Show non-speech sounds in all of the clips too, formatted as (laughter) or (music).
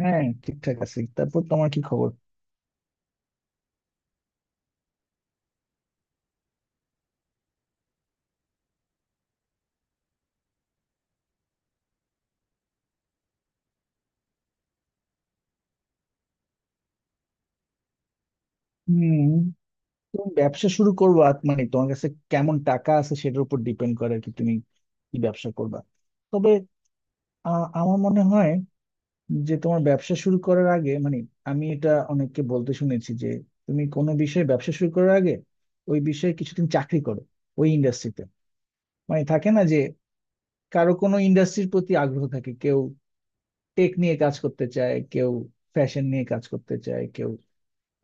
হ্যাঁ, ঠিকঠাক আছে। তারপর তোমার কি খবর? হুম। তুমি ব্যবসা শুরু করবা? মানে তোমার কাছে কেমন টাকা আছে সেটার উপর ডিপেন্ড করে আর কি। তুমি কি ব্যবসা করবা? তবে আমার মনে হয় যে তোমার ব্যবসা শুরু করার আগে মানে আমি এটা অনেককে বলতে শুনেছি যে তুমি কোনো বিষয়ে ব্যবসা শুরু করার আগে ওই বিষয়ে কিছুদিন চাকরি করো, ওই ইন্ডাস্ট্রিতে। মানে থাকে না যে কারো কোনো ইন্ডাস্ট্রির প্রতি আগ্রহ থাকে, কেউ টেক নিয়ে কাজ করতে চায়, কেউ ফ্যাশন নিয়ে কাজ করতে চায়, কেউ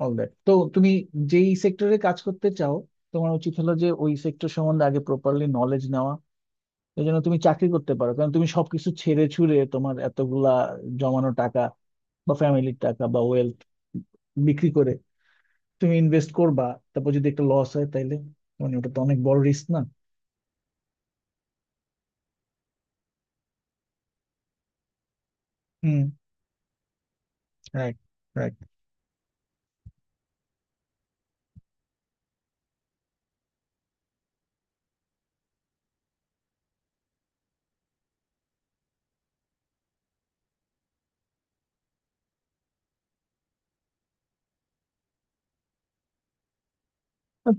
অল দ্যাট। তো তুমি যেই সেক্টরে কাজ করতে চাও, তোমার উচিত হলো যে ওই সেক্টর সম্বন্ধে আগে প্রপারলি নলেজ নেওয়া। এই জন্য তুমি চাকরি করতে পারো, কারণ তুমি সবকিছু ছেড়ে ছুড়ে তোমার এতগুলা জমানো টাকা বা ফ্যামিলির টাকা বা ওয়েলথ বিক্রি করে তুমি ইনভেস্ট করবা, তারপর যদি একটা লস হয় তাহলে মানে ওটা তো অনেক বড় রিস্ক না। হুম। রাইট। রাইট।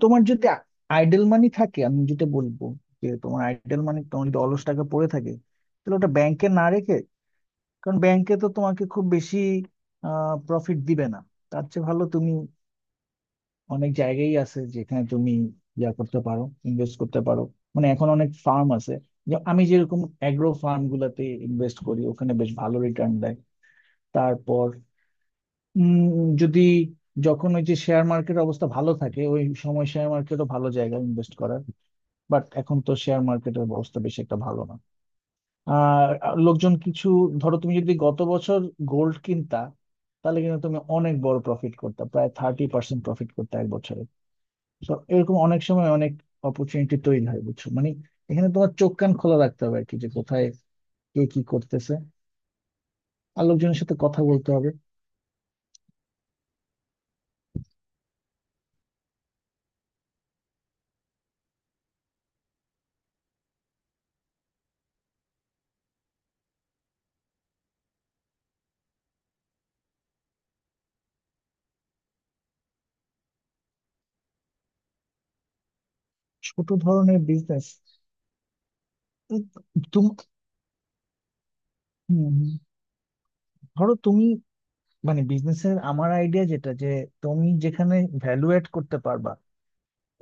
তোমার যদি আইডল মানি থাকে আমি যেটা বলবো যে তোমার আইডল মানি, তোমার যদি অলস টাকা পড়ে থাকে, তাহলে ওটা ব্যাংকে না রেখে, কারণ ব্যাংকে তো তোমাকে খুব বেশি প্রফিট দিবে না। তার চেয়ে ভালো তুমি অনেক জায়গায় আছে যেখানে তুমি ইয়া করতে পারো, ইনভেস্ট করতে পারো। মানে এখন অনেক ফার্ম আছে, যে আমি যেরকম অ্যাগ্রো ফার্ম গুলাতে ইনভেস্ট করি ওখানে বেশ ভালো রিটার্ন দেয়। তারপর যদি, যখন ওই যে শেয়ার মার্কেটের অবস্থা ভালো থাকে ওই সময় শেয়ার মার্কেটও ভালো জায়গা ইনভেস্ট করার। বাট এখন তো শেয়ার মার্কেটের অবস্থা বেশি একটা ভালো না। আহ লোকজন কিছু, ধরো তুমি যদি গত বছর গোল্ড কিনতা, তাহলে কিন্তু তুমি অনেক বড় প্রফিট করতে, প্রায় 30% প্রফিট করতে এক বছরে। তো এরকম অনেক সময় অনেক অপরচুনিটি তৈরি হয় বুঝছো মানে, এখানে তোমার চোখ কান খোলা রাখতে হবে আর কি, যে কোথায় কে কি করতেছে, আর লোকজনের সাথে কথা বলতে হবে। ছোট ধরনের বিজনেস। তুমি ধরো তুমি, মানে বিজনেসের আমার আইডিয়া যেটা, যে তুমি যেখানে ভ্যালু এড করতে পারবা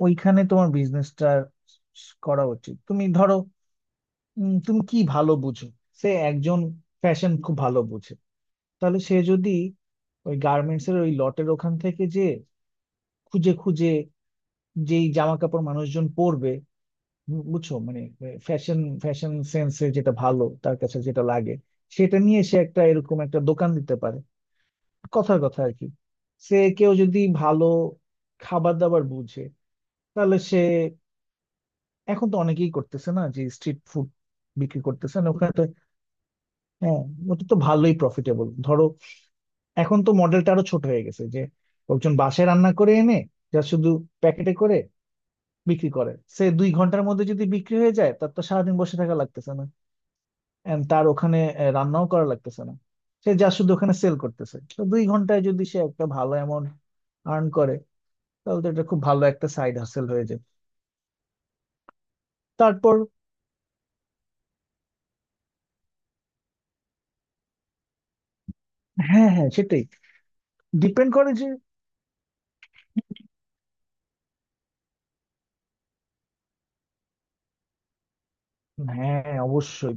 ওইখানে তোমার বিজনেসটা করা উচিত। তুমি ধরো, তুমি কি ভালো বুঝো, সে একজন ফ্যাশন খুব ভালো বুঝে, তাহলে সে যদি ওই গার্মেন্টস এর ওই লটের ওখান থেকে যে খুঁজে খুঁজে যেই জামা কাপড় মানুষজন পরবে, বুঝছো মানে, ফ্যাশন, ফ্যাশন সেন্সে যেটা ভালো তার কাছে যেটা লাগে সেটা নিয়ে সে একটা এরকম একটা দোকান দিতে পারে। কথার কথা আর কি। সে কেউ যদি ভালো খাবার দাবার বুঝে, তাহলে সে, এখন তো অনেকেই করতেছে না, যে স্ট্রিট ফুড বিক্রি করতেছেন ওখানে তো। হ্যাঁ। ওটা তো ভালোই প্রফিটেবল। ধরো এখন তো মডেলটা আরো ছোট হয়ে গেছে, যে লোকজন বাসায় রান্না করে এনে যা শুধু প্যাকেটে করে বিক্রি করে, সে 2 ঘন্টার মধ্যে যদি বিক্রি হয়ে যায়, তার তো সারাদিন বসে থাকা লাগতেছে না। And তার ওখানে রান্নাও করা লাগতেছে না। সে যা শুধু ওখানে সেল করতেছে। তো 2 ঘন্টায় যদি সে একটা ভালো অ্যামাউন্ট আর্ন করে তাহলে তো এটা খুব ভালো একটা সাইড হাসেল হয়ে যায়। তারপর, হ্যাঁ, হ্যাঁ, সেটাই। ডিপেন্ড করে যে। হ্যাঁ, অবশ্যই।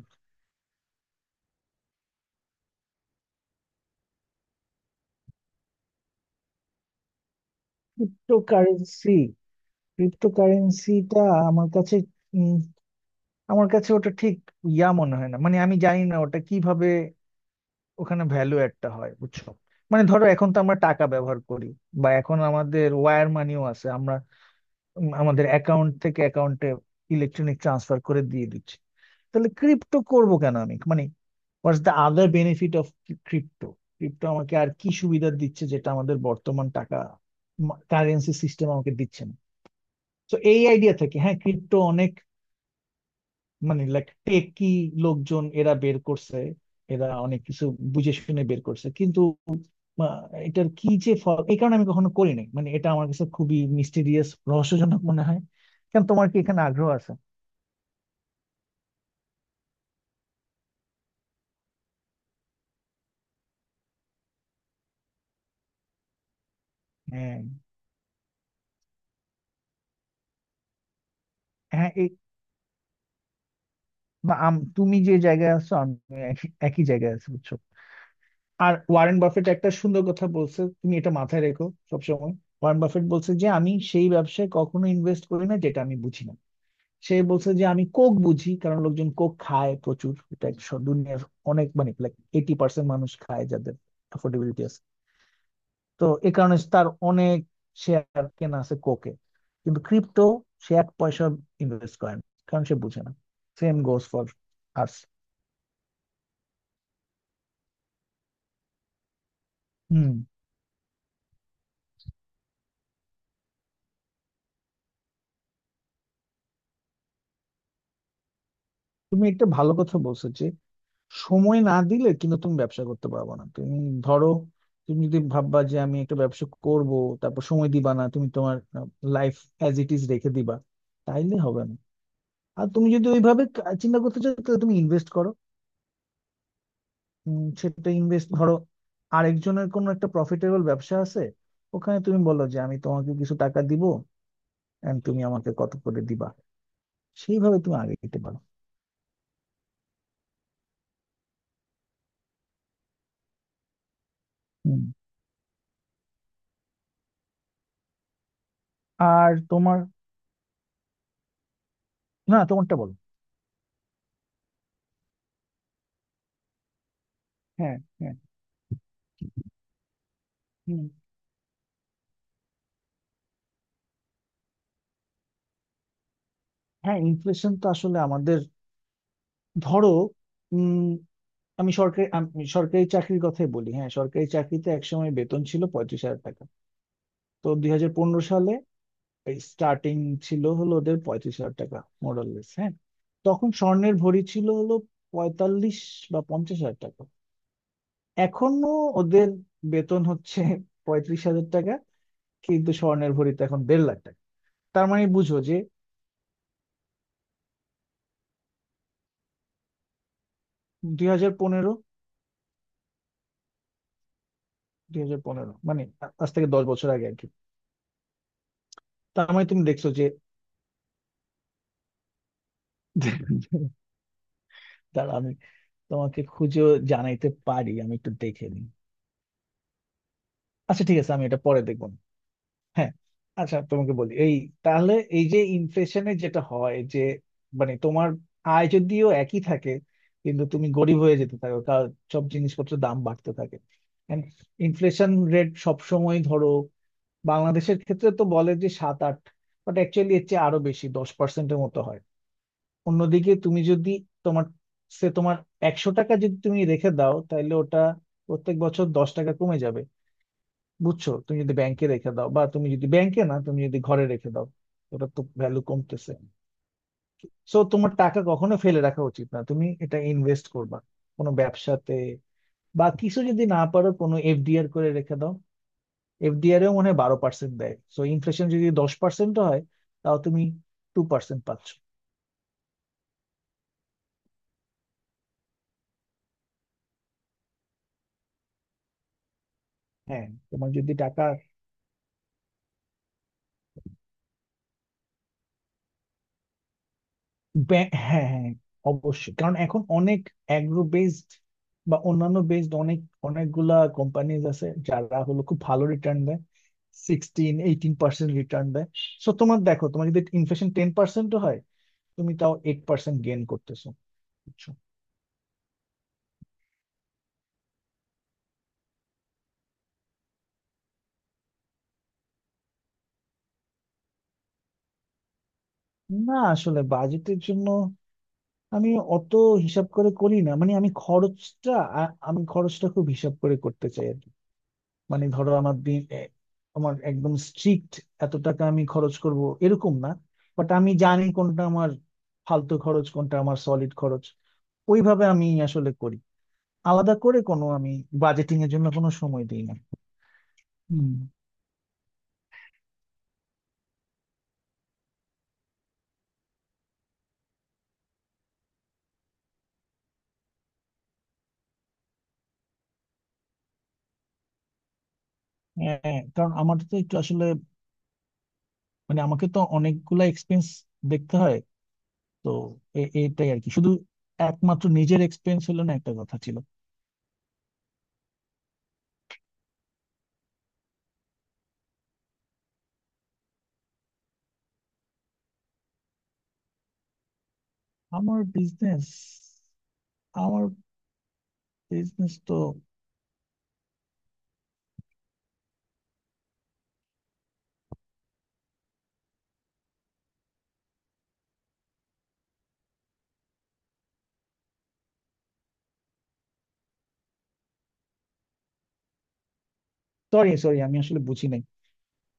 ক্রিপ্টোকারেন্সি। ক্রিপ্টোকারেন্সিটা আমার কাছে, উম, আমার কাছে ওটা ঠিক ইয়া মনে হয় না। মানে আমি জানি না ওটা কিভাবে ওখানে ভ্যালু একটা হয় বুঝছো। মানে ধরো এখন তো আমরা টাকা ব্যবহার করি, বা এখন আমাদের ওয়্যার মানিও আছে, আমরা আমাদের অ্যাকাউন্ট থেকে অ্যাকাউন্টে ইলেকট্রনিক ট্রান্সফার করে দিয়ে দিচ্ছি। তাহলে ক্রিপ্টো করব কেন আমি, মানে what's the other benefit of crypto? Crypto আমাকে আর কি সুবিধা দিচ্ছে যেটা আমাদের বর্তমান টাকা কারেন্সি সিস্টেম আমাকে দিচ্ছে না? তো এই আইডিয়া থেকে, হ্যাঁ ক্রিপ্টো অনেক, মানে লাইক টেকি লোকজন এরা বের করছে, এরা অনেক কিছু বুঝে শুনে বের করছে, কিন্তু আহ, এটার কি যে ফল, এই কারণে আমি কখনো করি নাই। মানে এটা আমার কাছে খুবই মিস্টিরিয়াস, রহস্যজনক মনে হয়। কেন, তোমার কি এখানে আগ্রহ আছে? হ্যাঁ, হ্যাঁ, এই, বা তুমি যে জায়গায় আছো আমি একই একই জায়গায় আছি বুঝছো। আর ওয়ারেন বাফেট একটা সুন্দর কথা বলছে, তুমি এটা মাথায় রেখো সবসময়। ওয়ারেন বাফেট বলছে যে আমি সেই ব্যবসায় কখনো ইনভেস্ট করি না যেটা আমি বুঝি না। সে বলছে যে আমি কোক বুঝি, কারণ লোকজন কোক খায় প্রচুর, এটা এক দুনিয়ার অনেক, মানে লাইক 80% মানুষ খায় যাদের অ্যাফোর্ডেবিলিটি আছে। তো এ কারণে তার অনেক শেয়ার কেনা আছে কোকে। কিন্তু ক্রিপ্টো সে এক পয়সা ইনভেস্ট করে না, কারণ সে বুঝে না। Same goes for us. Hmm. তুমি একটা ভালো কথা বলছো যে সময় না দিলে কিন্তু তুমি ব্যবসা করতে পারবে না। তুমি ধরো তুমি যদি ভাববা যে আমি একটা ব্যবসা করব তারপর সময় দিবা না, তুমি তোমার লাইফ অ্যাজ ইট ইজ রেখে দিবা, তাইলে হবে না। আর তুমি যদি ওইভাবে চিন্তা করতে চাও তাহলে তুমি ইনভেস্ট করো। সেটা ইনভেস্ট, ধরো আরেকজনের কোনো একটা প্রফিটেবল ব্যবসা আছে, ওখানে তুমি বলো যে আমি তোমাকে কিছু টাকা দিব, এন্ড তুমি আমাকে কত করে দিবা। সেইভাবে তুমি আগে দিতে পারো। হুম। আর তোমার, না তোমারটা বলো। হ্যাঁ, হ্যাঁ। হুম। হ্যাঁ, ইনফ্লেশন তো আসলে আমাদের, ধরো উম আমি সরকারি, আমি সরকারি চাকরির কথাই বলি, হ্যাঁ সরকারি চাকরিতে একসময় বেতন ছিল 35,000 টাকা। তো 2015 সালে স্টার্টিং ছিল হলো ওদের 35,000 টাকা। মোরাললেস হ্যাঁ। তখন স্বর্ণের ভরি ছিল হলো 45,000 বা 50,000 টাকা। এখনো ওদের বেতন হচ্ছে 35,000 টাকা, কিন্তু স্বর্ণের ভরিতে এখন 1,50,000 টাকা। তার মানে বুঝো যে, 2015, দুই হাজার পনেরো মানে আজ থেকে 10 বছর আগে আর কি। তার মানে তুমি দেখছো যে (laughs) দাঁড়া, তোমাকে খুঁজেও জানাইতে পারি, আমি একটু দেখে নিই। আচ্ছা ঠিক আছে, আমি এটা পরে দেখবো না। হ্যাঁ। আচ্ছা তোমাকে বলি এই, তাহলে এই যে ইনফ্লেশনে যেটা হয় যে মানে তোমার আয় যদিও একই থাকে, কিন্তু তুমি গরিব হয়ে যেতে থাকো, কারণ সব জিনিসপত্রের দাম বাড়তে থাকে। ইনফ্লেশন রেট সবসময় ধরো বাংলাদেশের ক্ষেত্রে তো বলে যে 7-8, বাট অ্যাকচুয়ালি এর চেয়ে আরো বেশি 10%-এর মতো হয়। অন্যদিকে তুমি যদি তোমার, সে তোমার 100 টাকা যদি তুমি রেখে দাও তাহলে ওটা প্রত্যেক বছর 10 টাকা কমে যাবে বুঝছো। তুমি যদি ব্যাংকে রেখে দাও, বা তুমি যদি ব্যাংকে না, তুমি যদি ঘরে রেখে দাও, ওটা তো ভ্যালু কমতেছে। সো তোমার টাকা কখনো ফেলে রাখা উচিত না, তুমি এটা ইনভেস্ট করবা কোনো ব্যবসাতে, বা কিছু যদি না পারো কোনো এফডিআর করে রেখে দাও। এফডিআর এও মনে হয় 12% দেয়, সো ইনফ্লেশন যদি 10% হয় তাও তুমি 2% পাচ্ছ। হ্যাঁ তোমার যদি টাকা, হ্যাঁ, হ্যাঁ, অবশ্যই, কারণ এখন অনেক অ্যাগ্রো বেসড বা অন্যান্য বেসড অনেক, অনেকগুলা কোম্পানিজ আছে যারা হলো খুব ভালো রিটার্ন দেয়। 16-18% রিটার্ন দেয়। সো তোমার দেখো তোমার যদি ইনফ্লেশন 10%-ও হয়, তুমি তাও 8% গেইন করতেছো বুঝছো? না আসলে বাজেটের জন্য আমি অত হিসাব করে করি না। মানে আমি খরচটা, আ- আমি খরচটা খুব হিসাব করে করতে চাই। মানে ধরো আমার দিন এ, আমার একদম স্ট্রিক্ট এত টাকা আমি খরচ করব এরকম না। বাট আমি জানি কোনটা আমার ফালতু খরচ কোনটা আমার সলিড খরচ, ওইভাবে আমি আসলে করি। আলাদা করে কোনো আমি বাজেটিং এর জন্য কোনো সময় দিই না। হুম। হ্যাঁ, কারণ আমার তো একটু আসলে, মানে আমাকে তো অনেকগুলা এক্সপেন্স দেখতে হয়। তো এটাই আর কি, শুধু একমাত্র নিজের এক্সপেন্স হলো না, একটা কথা ছিল। আমার বিজনেস, আমার বিজনেস তো, সরি সরি আমি আসলে বুঝি নাই